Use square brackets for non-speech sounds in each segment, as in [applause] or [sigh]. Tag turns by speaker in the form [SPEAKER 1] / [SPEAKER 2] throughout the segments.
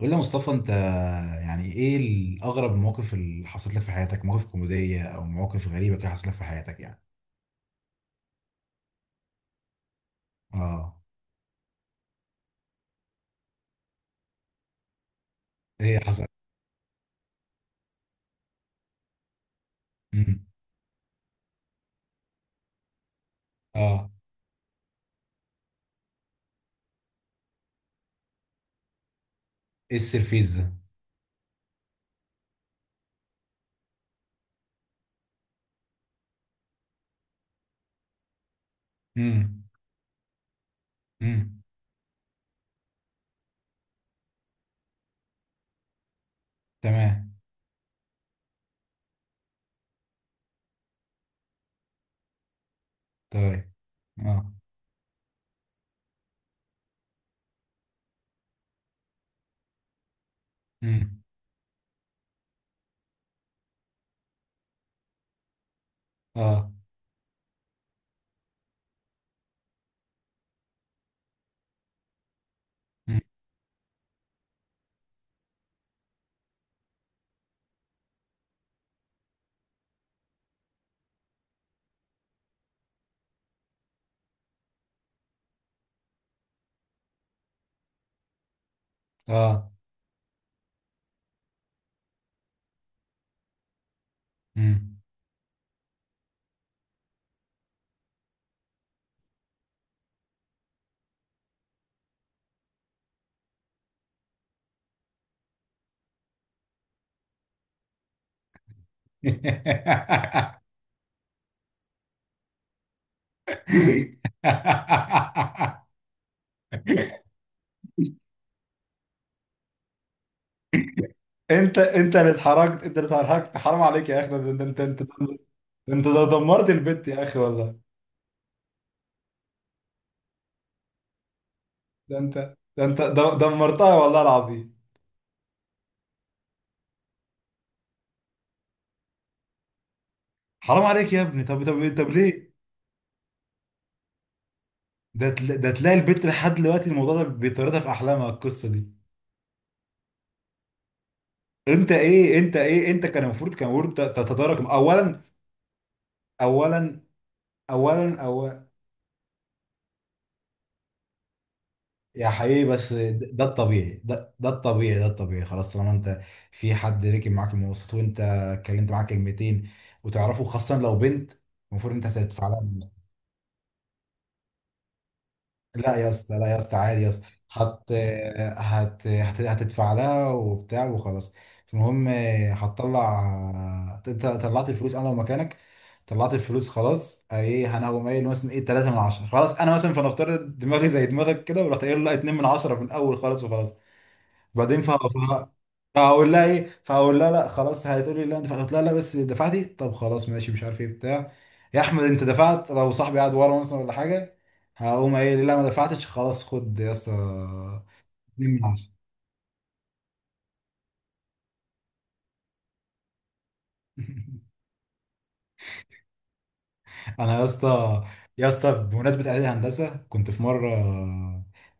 [SPEAKER 1] قول لي يا مصطفى، انت يعني ايه الاغرب المواقف اللي حصلت لك في حياتك؟ مواقف كوميديه او مواقف غريبه كده حصلت لك في حياتك يعني؟ اه. ايه حصل؟ امم. اه. ايه السرفيز ده؟ امم. امم. تمام. طيب. اه. امم. اه. امم. اه. امم. [laughs] انت اللي اتحركت، انت اللي اتحركت. حرام عليك يا اخي، ده انت انت. انت ده دمرت البيت يا اخي والله! ده انت ده انت دمرتها والله العظيم. حرام عليك يا ابني. طب ليه؟ ده تلاقي البت لحد دلوقتي الموضوع ده بيطاردها في احلامها، القصه دي. انت ايه، انت كان المفروض، تتدارك اولا اولا اولا. يا حقيقي، بس ده الطبيعي، ده الطبيعي، ده الطبيعي خلاص، طالما انت في حد ركب معاك المواصلات وانت اتكلمت معاه كلمتين، وتعرفه، خاصه لو بنت، المفروض انت هتدفع لها. لا يا اسطى، عادي يا اسطى، هتدفع لها وبتاع وخلاص. المهم هتطلع. انت طلعت الفلوس. انا لو مكانك طلعت الفلوس خلاص، ايه، انا هقوم قايل مثلا ايه 3 من 10 خلاص. انا مثلا فنفترض دماغي زي دماغك كده، ورحت قايل لا، 2 من 10 من الاول خالص وخلاص، بعدين فهقف. فهقول لها ايه؟ فهقول لها لا خلاص. هتقولي لا انت دفعت، قلت لها لا بس دفعتي، طب خلاص ماشي، مش عارف ايه بتاع. يا احمد انت دفعت، لو صاحبي قاعد ورا مثلا ولا حاجه هقوم قايل لي لا ما دفعتش، خلاص خد يا اسطى 2 من 10. [laughs] انا يا اسطى بمناسبه اعدادي هندسه، كنت في مره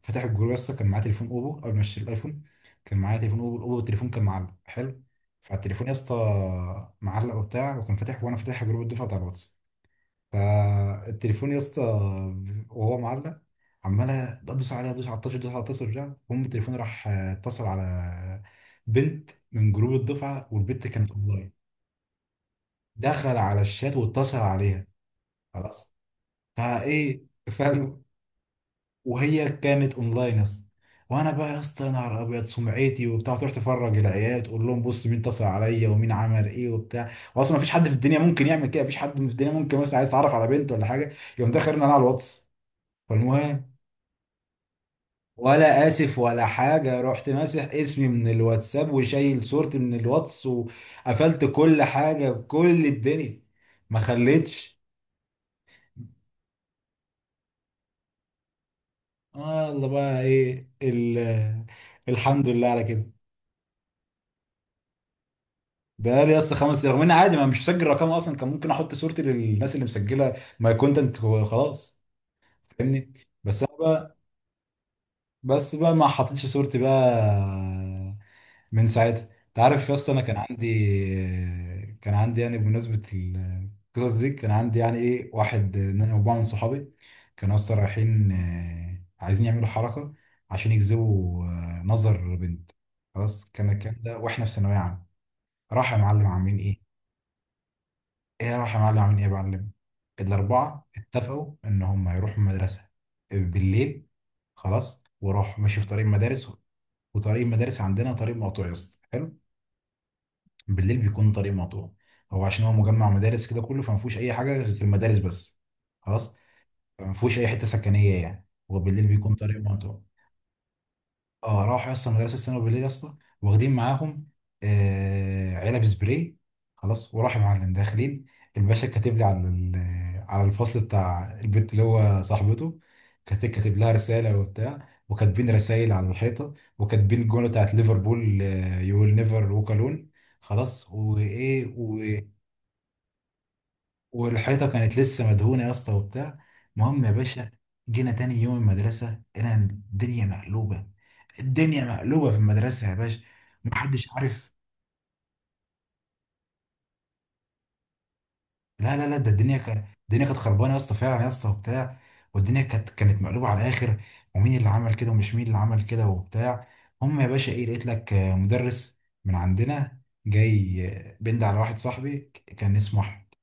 [SPEAKER 1] فاتح الجروب يا اسطى، كان معايا تليفون اوبو قبل ما اشتري الايفون. كان معايا تليفون اوبو، الاوبو التليفون كان معلق حلو. فالتليفون يا اسطى معلق وبتاع، وكان فاتح وانا فاتح جروب الدفعه بتاع الواتس. فالتليفون يا اسطى وهو معلق، عمال ادوس عليها، ادوس على الطشر، ادوس على الطشر وبتاع. المهم التليفون راح اتصل على بنت من جروب الدفعه، والبنت كانت اونلاين. دخل على الشات واتصل عليها، خلاص، فايه، فاهم؟ وهي كانت اونلاين يا اسطى، وانا بقى يا اسطى يا نهار ابيض، سمعتي وبتاع، تروح تفرج العيال تقول لهم بص مين اتصل عليا ومين عمل ايه وبتاع. واصلا مفيش حد في الدنيا ممكن يعمل كده، مفيش حد في الدنيا ممكن مثلا عايز يتعرف على بنت ولا حاجه يقوم داخل انا على الواتس. فالمهم، ولا اسف ولا حاجه، رحت ماسح اسمي من الواتساب وشايل صورتي من الواتس، وقفلت كل حاجه بكل الدنيا، ما خليتش. آه الله بقى ايه الحمد لله على كده. بقالي يا اسطى خمس، رغم ان عادي، ما مش مسجل رقم اصلا، كان ممكن احط صورتي للناس اللي مسجله ماي كونتنت خلاص، فاهمني؟ بس انا بقى. بس بقى ما حطيتش صورتي بقى. من ساعتها، انت عارف يا اسطى، انا كان عندي يعني بمناسبه القصص دي، كان عندي يعني ايه، واحد انا وبعض من صحابي كانوا اصلا رايحين عايزين يعملوا حركه عشان يجذبوا نظر بنت. خلاص، كان الكلام ده واحنا في ثانويه عامه. راح يا معلم عاملين ايه راح يا معلم عاملين ايه يا معلم. الاربعه اتفقوا ان هم يروحوا المدرسه بالليل. خلاص وراحوا ماشي في طريق المدارس، وطريق المدارس عندنا طريق مقطوع يا اسطى حلو. بالليل بيكون طريق مقطوع. هو عشان هو مجمع مدارس كده كله، فما فيهوش اي حاجه غير المدارس بس، خلاص. فما فيهوش اي حته سكنيه يعني، هو بالليل بيكون طريق مقطوع. اه، راحوا يا اسطى مدرسه الثانوي بالليل يا اسطى، واخدين معاهم علب سبراي. خلاص وراح يا معلم داخلين. الباشا كاتب لي على على الفصل بتاع البنت اللي هو صاحبته، كاتب لها رساله وبتاع، وكاتبين رسائل على الحيطه. وكاتبين الجمله بتاعت ليفربول: يو ويل نيفر ووك الون. خلاص، وايه، والحيطه كانت لسه مدهونه يا اسطى وبتاع. المهم يا باشا، جينا تاني يوم المدرسه، انا الدنيا مقلوبه، الدنيا مقلوبه في المدرسه يا باشا. محدش عارف. لا لا لا، ده الدنيا كانت الدنيا كانت خربانه يا اسطى فعلا يا اسطى وبتاع. والدنيا كانت مقلوبه على الاخر. ومين اللي عمل كده، ومش مين اللي عمل كده، وبتاع. هم يا باشا ايه، لقيت لك مدرس من عندنا جاي، بند على واحد صاحبي كان اسمه احمد،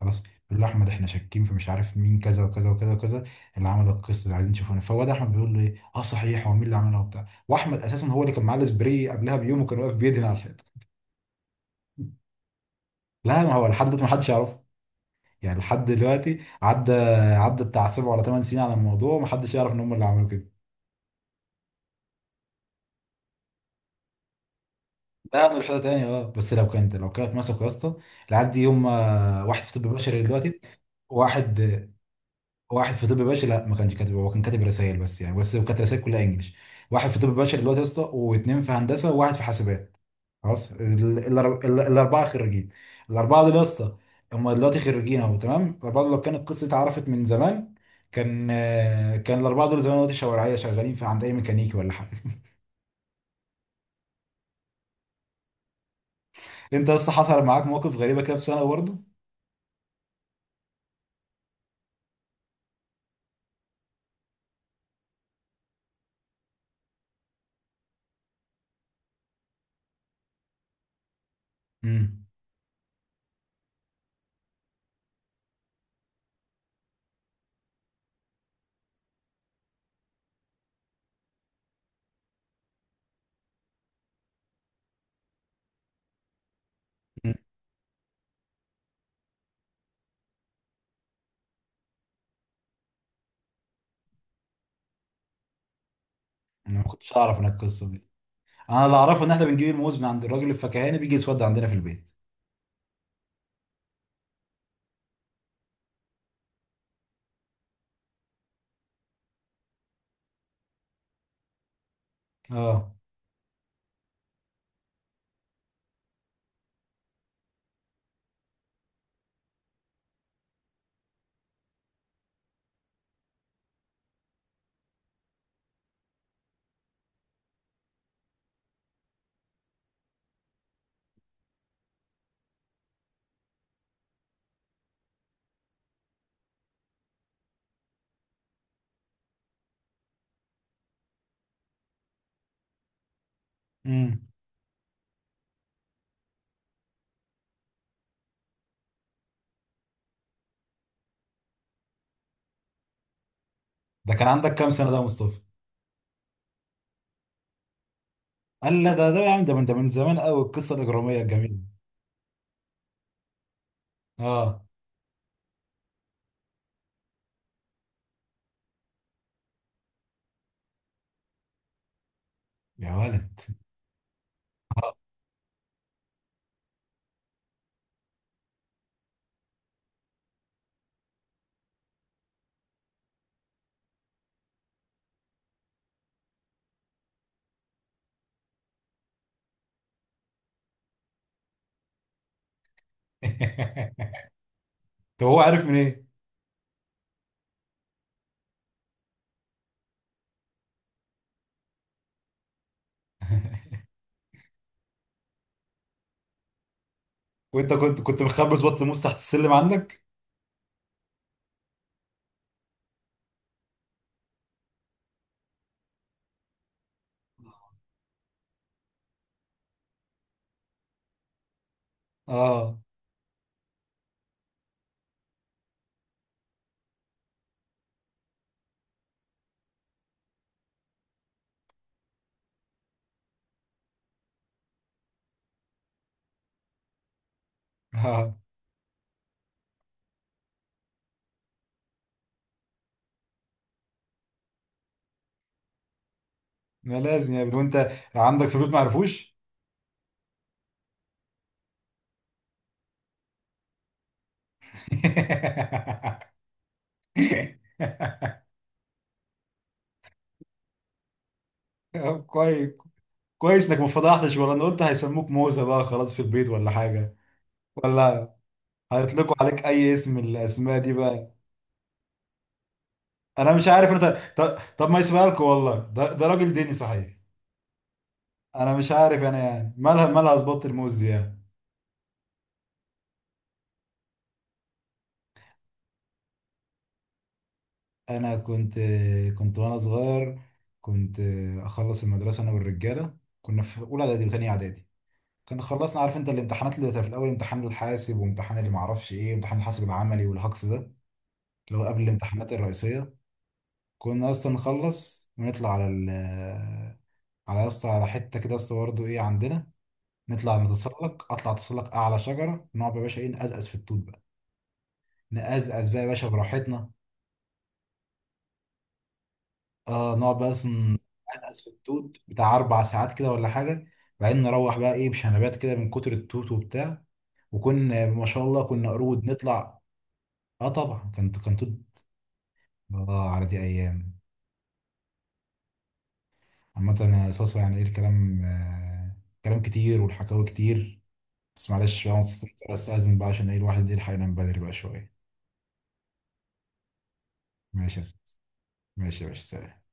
[SPEAKER 1] خلاص. بيقول له: احمد، احنا شاكين في مش عارف مين، كذا وكذا وكذا وكذا. اللي عمل القصه دي عايزين نشوفه. فهو ده احمد بيقول له ايه: اه صحيح، هو مين اللي عملها وبتاع؟ واحمد اساسا هو اللي كان معاه السبراي قبلها بيوم وكان واقف بيدهن على الحيطه. لا ما هو لحد دلوقتي ما حدش يعرفه يعني. لحد دلوقتي عدى بتاع 7 ولا 8 سنين على الموضوع، وما حدش يعرف ان هم اللي عملوا كده. لا، انا الحته تاني، اه، بس لو كانت مسكوا يا اسطى العيال دي، هم واحد في طب بشري دلوقتي. واحد واحد في طب بشري. لا، ما كانش كاتب، هو كان كاتب رسائل بس يعني، بس كانت رسائل كلها انجلش. واحد في طب بشري دلوقتي يا اسطى، واثنين في هندسه، وواحد في حاسبات. خلاص، الاربعه خريجين. الاربعه دول يا اسطى هم دلوقتي خريجين اهو، تمام. الاربعه دول لو كانت القصه اتعرفت من زمان، كان الاربعه دول زمان دلوقتي شوارعيه، شغالين في عند اي ميكانيكي ولا حاجه. [laughs] انت لسه حصل معاك مواقف غريبه كده في ثانوي برضه؟ امم. أمم. انا ما كنتش اعرف القصه دي. انا اللي اعرفه ان احنا بنجيب الموز من عند الراجل الفكهاني، بيجي يسود عندنا في البيت. اه. امم. ده كان عندك كام سنه ده يا مصطفى؟ قال لا، ده يا عم، ده من زمان قوي، القصه الاجراميه الجميله. اه. يا ولد. [laughs] طب هو عارف من ايه؟ وانت كنت مخبز بطل موس تحت السلم عندك؟ اه. [laughs] اه. ما لازم يا ابني، وانت عندك في البيت ما عرفوش؟ [laughs] طب كويس. كويس انك ما فضحتش، ولا انا قلت هيسموك موزه بقى خلاص في البيت ولا حاجه. ولا هيطلقوا عليك اي اسم من الاسماء دي بقى. انا مش عارف، انت طب ما يسمع لكم والله، ده راجل ديني صحيح. انا مش عارف، انا يعني، مالها اظبط الموز دي يعني. انا كنت كنت وانا صغير، كنت اخلص المدرسه انا والرجاله، كنا في اولى اعدادي وثانيه اعدادي، كنا خلصنا. عارف انت الامتحانات اللي في الاول، امتحان الحاسب وامتحان اللي معرفش ايه وامتحان الحاسب العملي والهكس ده، اللي هو قبل الامتحانات الرئيسيه. كنا اصلا نخلص ونطلع على على اصلا على حته كده اصلا، برضه ايه عندنا. نطلع نتسلق اطلع اتسلق اعلى شجره، نقعد بقى يا باشا ايه، نقزقز في التوت بقى. نقزقز بقى يا باشا براحتنا. اه، نقعد بقى اصلا، نقزقز في التوت بتاع 4 ساعات كده ولا حاجه. بعدين نروح بقى ايه بشنبات كده من كتر التوت وبتاع. وكنا ما شاء الله كنا قرود نطلع. اه طبعا، كان توت. اه، على دي ايام. عامه يا صاصه يعني، ايه الكلام. كلام كتير والحكاوي كتير. بس معلش بقى، مضطر استاذن بقى، عشان ايه الواحد يلحق ينام بدري بقى شويه. ماشي يا صاصة. ماشي يا باشا. سلام.